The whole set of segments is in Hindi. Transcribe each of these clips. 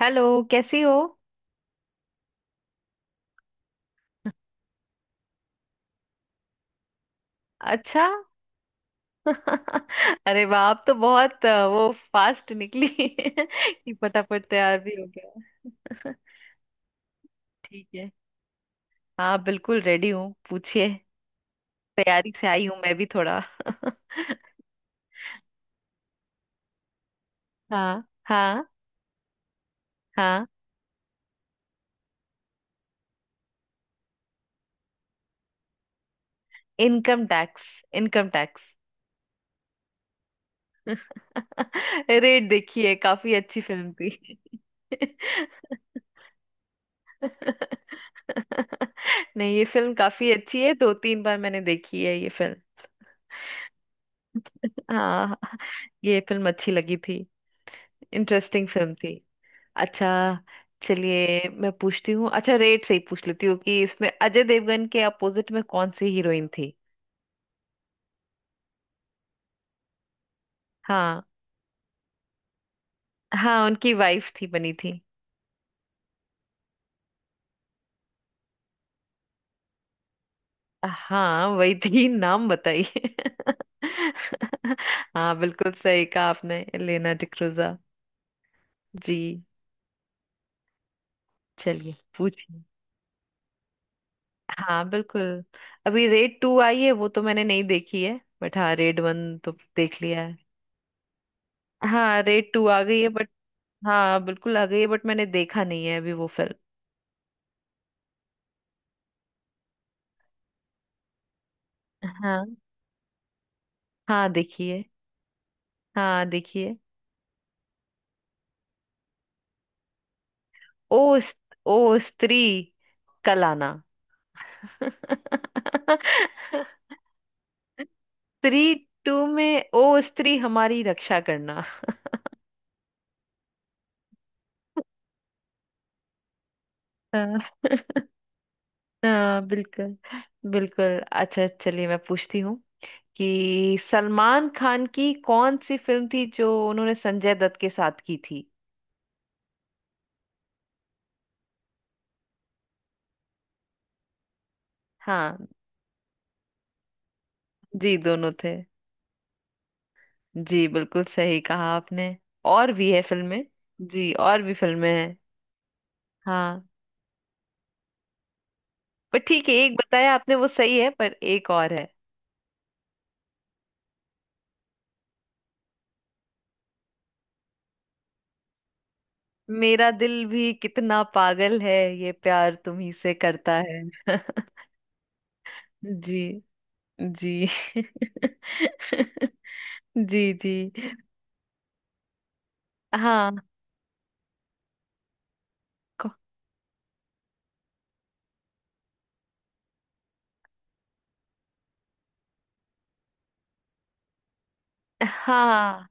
हेलो। कैसी हो? अच्छा। अरे वाह, आप तो बहुत वो फास्ट निकली। कि फटाफट तैयार भी हो गया। ठीक है। हाँ बिल्कुल रेडी हूँ, पूछिए। तैयारी से आई हूँ मैं भी थोड़ा। हाँ हाँ। हाँ income tax. Income tax. Rate देखिए, काफी अच्छी फिल्म थी। नहीं, ये फिल्म काफी अच्छी है। दो तीन बार मैंने देखी है ये फिल्म। हाँ ये फिल्म अच्छी लगी थी। इंटरेस्टिंग फिल्म थी। अच्छा। चलिए मैं पूछती हूँ। अच्छा, रेट से ही पूछ लेती हूँ कि इसमें अजय देवगन के अपोजिट में कौन सी हीरोइन थी? हाँ हाँ, उनकी वाइफ थी, बनी थी। हाँ वही थी, नाम बताइए। हाँ बिल्कुल सही कहा आपने, एलेना डिक्रूजा। जी, चलिए पूछिए। हाँ बिल्कुल। अभी रेड टू आई है, वो तो मैंने नहीं देखी है, बट हाँ रेड वन तो देख लिया है। हाँ रेड टू आ गई है बट। हाँ बिल्कुल आ गई है, बट मैंने देखा नहीं है अभी वो फिल्म। हाँ हाँ देखिए। हाँ देखिए। ओ स- ओ स्त्री कल आना। स्त्री टू में ओ स्त्री हमारी रक्षा करना। हाँ हाँ, बिल्कुल बिल्कुल। अच्छा, चलिए मैं पूछती हूँ कि सलमान खान की कौन सी फिल्म थी जो उन्होंने संजय दत्त के साथ की थी? हाँ, जी दोनों थे। जी बिल्कुल सही कहा आपने। और भी है फिल्में। जी और भी फिल्में हैं। हाँ पर ठीक है, एक बताया आपने वो सही है, पर एक और है। मेरा दिल भी कितना पागल है, ये प्यार तुम ही से करता है। जी जी। जी जी। हाँ को- हाँ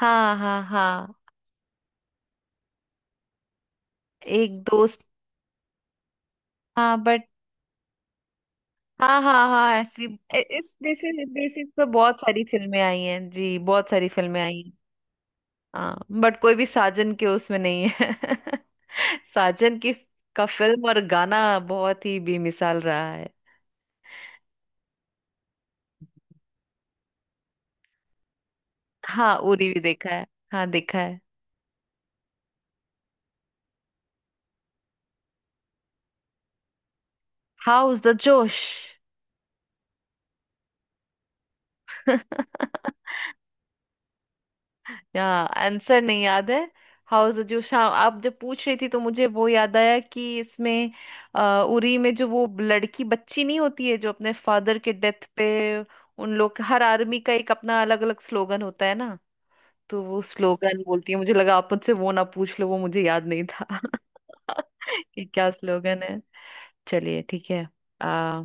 हाँ हाँ। हाँ एक दोस्त। हाँ बट। हाँ हाँ हाँ, ऐसी इस बेसिस बेसिस पे बहुत सारी फिल्में आई हैं जी, बहुत सारी फिल्में आई हैं। हाँ बट कोई भी साजन के उसमें नहीं है। साजन की का फिल्म और गाना बहुत ही बेमिसाल रहा है। हाँ उरी भी देखा है। हाँ देखा है। हाउस द जोश। यहाँ आंसर नहीं याद है। हाउस द जोश, हाँ। आप जब पूछ रही थी तो मुझे वो याद आया कि इसमें उरी में जो वो लड़की बच्ची नहीं होती है जो अपने फादर के डेथ पे, उन लोग हर आर्मी का एक अपना अलग अलग स्लोगन होता है ना, तो वो स्लोगन बोलती है। मुझे लगा आप मुझसे वो ना पूछ लो, वो मुझे याद नहीं था कि क्या स्लोगन है। चलिए ठीक है। आ,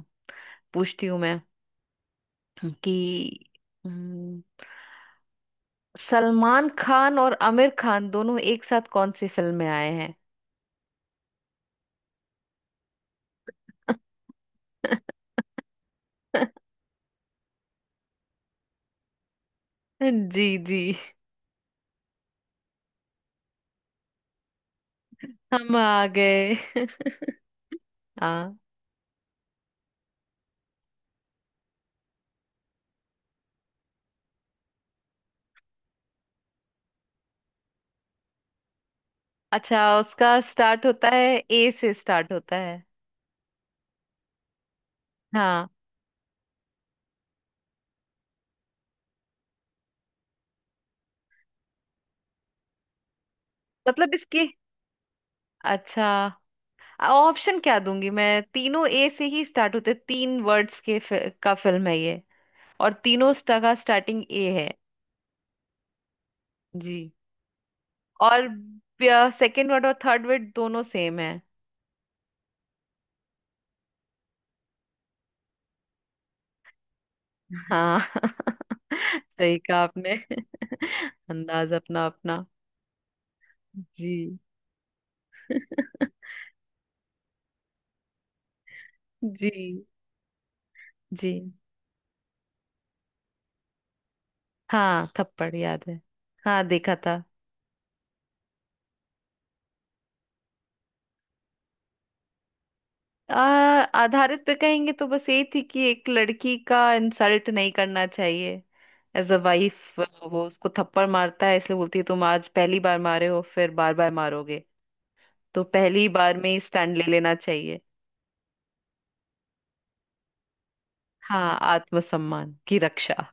पूछती हूँ मैं कि हम्म, सलमान खान और आमिर खान दोनों एक साथ कौन सी फिल्म में आए हैं? जी जी, हम आ गए। हाँ। अच्छा, उसका स्टार्ट होता है, ए से स्टार्ट होता है। हाँ, मतलब इसकी। अच्छा, ऑप्शन क्या दूंगी मैं? तीनों ए से ही स्टार्ट होते, तीन वर्ड्स के का फिल्म है ये। और तीनों का स्टार्टिंग ए है। जी। और सेकंड वर्ड और थर्ड वर्ड दोनों सेम है। हाँ। सही कहा आपने। अंदाज अपना अपना। जी। जी जी। हाँ थप्पड़ याद है। हाँ देखा था। आ, आधारित पे कहेंगे तो बस यही थी कि एक लड़की का इंसल्ट नहीं करना चाहिए, एज अ वाइफ। वो उसको थप्पड़ मारता है, इसलिए बोलती है तुम आज पहली बार मारे हो फिर बार बार मारोगे, तो पहली बार में ही स्टैंड ले लेना चाहिए। हाँ आत्मसम्मान की रक्षा।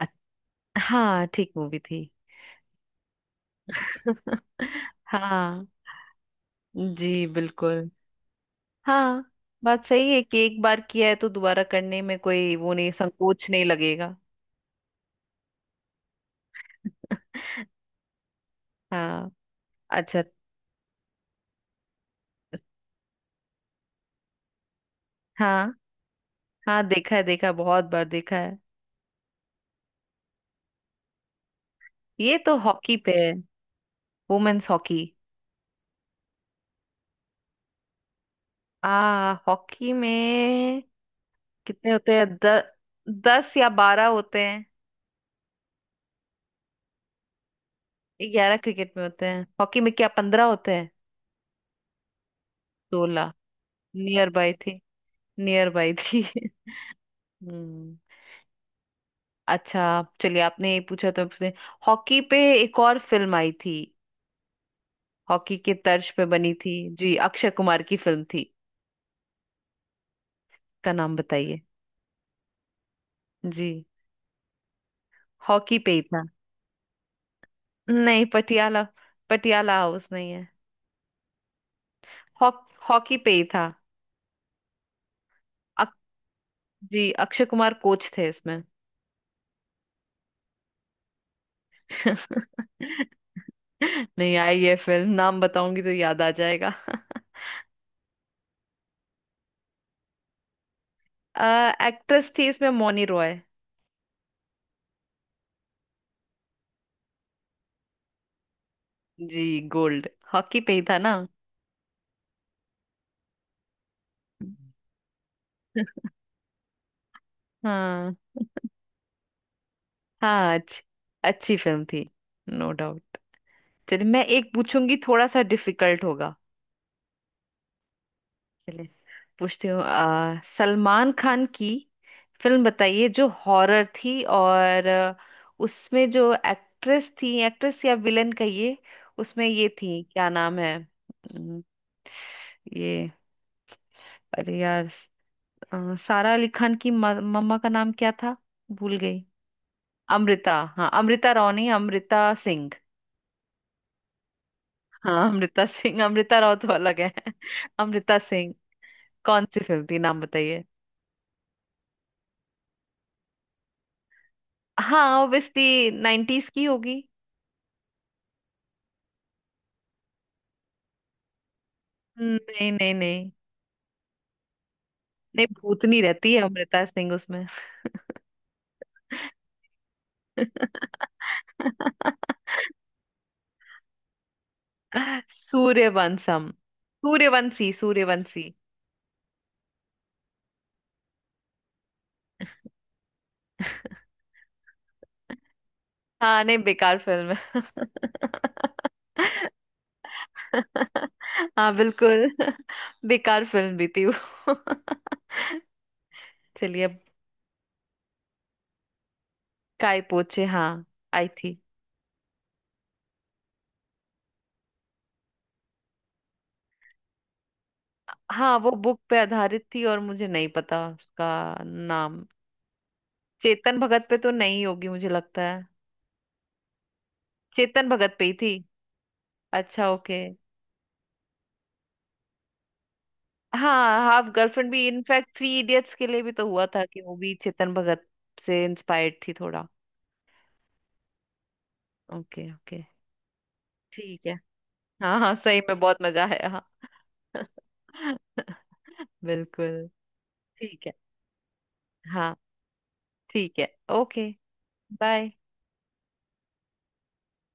अ- हाँ ठीक मूवी थी। हाँ। जी बिल्कुल। हाँ बात सही है कि एक बार किया है तो दोबारा करने में कोई वो नहीं, संकोच नहीं लगेगा। हाँ। अच्छा। हाँ हाँ देखा है, देखा है, बहुत बार देखा है। ये तो हॉकी पे है, वुमेन्स हॉकी। आ हॉकी में कितने होते हैं? 10 या 12 होते हैं। 11 क्रिकेट में होते हैं, हॉकी में क्या 15 होते हैं? 16। नियर बाई थी, नियर बाई थी। हम्म। अच्छा, चलिए आपने ये पूछा तो पूछते, हॉकी पे एक और फिल्म आई थी, हॉकी के तर्ज पे बनी थी। जी अक्षय कुमार की फिल्म थी, का नाम बताइए। जी हॉकी पे ही था। नहीं पटियाला, पटियाला हाउस नहीं है। हॉक हॉकी पे ही था। अक, जी अक्षय कुमार कोच थे इसमें। नहीं आई ये फिल्म, नाम बताऊंगी तो याद आ जाएगा। एक्ट्रेस थी इसमें मौनी रॉय। जी, गोल्ड। हॉकी पे ही था ना? हाँ हाँ। अच्छी, अच्छी फिल्म थी, नो डाउट। चलिए मैं एक पूछूंगी, थोड़ा सा डिफिकल्ट होगा। चलिए पूछती हूँ। सलमान खान की फिल्म बताइए जो हॉरर थी, और उसमें जो एक्ट्रेस थी, एक्ट्रेस या विलन कहिए, उसमें ये थी, क्या नाम है? अम, ये अरे यार, सारा अली खान की मम्मा का नाम क्या था? भूल गई। अमृता, हाँ अमृता राव नहीं, अमृता सिंह। हाँ अमृता सिंह, अमृता राव तो अलग है। अमृता सिंह, कौन सी फिल्म थी नाम बताइए। हाँ ऑब्वियसली 90s की होगी। नहीं नहीं नहीं। नहीं, भूतनी रहती है अमृता सिंह उसमें। सूर्यवंशम। सूर्यवंशी सूर्यवंशी। हाँ नहीं, बेकार फिल्म है। हाँ बिल्कुल। बेकार फिल्म भी थी वो। चलिए अब। काय पोछे, हाँ, आई थी। हाँ वो बुक पे आधारित थी और मुझे नहीं पता उसका नाम। चेतन भगत पे तो नहीं होगी मुझे लगता है। चेतन भगत पे ही थी। अच्छा, ओके। हाँ, हाफ गर्लफ्रेंड भी, इनफैक्ट थ्री इडियट्स के लिए भी तो हुआ था कि वो भी चेतन भगत से इंस्पायर्ड थी थोड़ा। Okay okay. ठीक है। हाँ हाँ, सही में बहुत मजा आया, हाँ। बिल्कुल। ठीक है। हाँ ठीक है। ओके। बाय।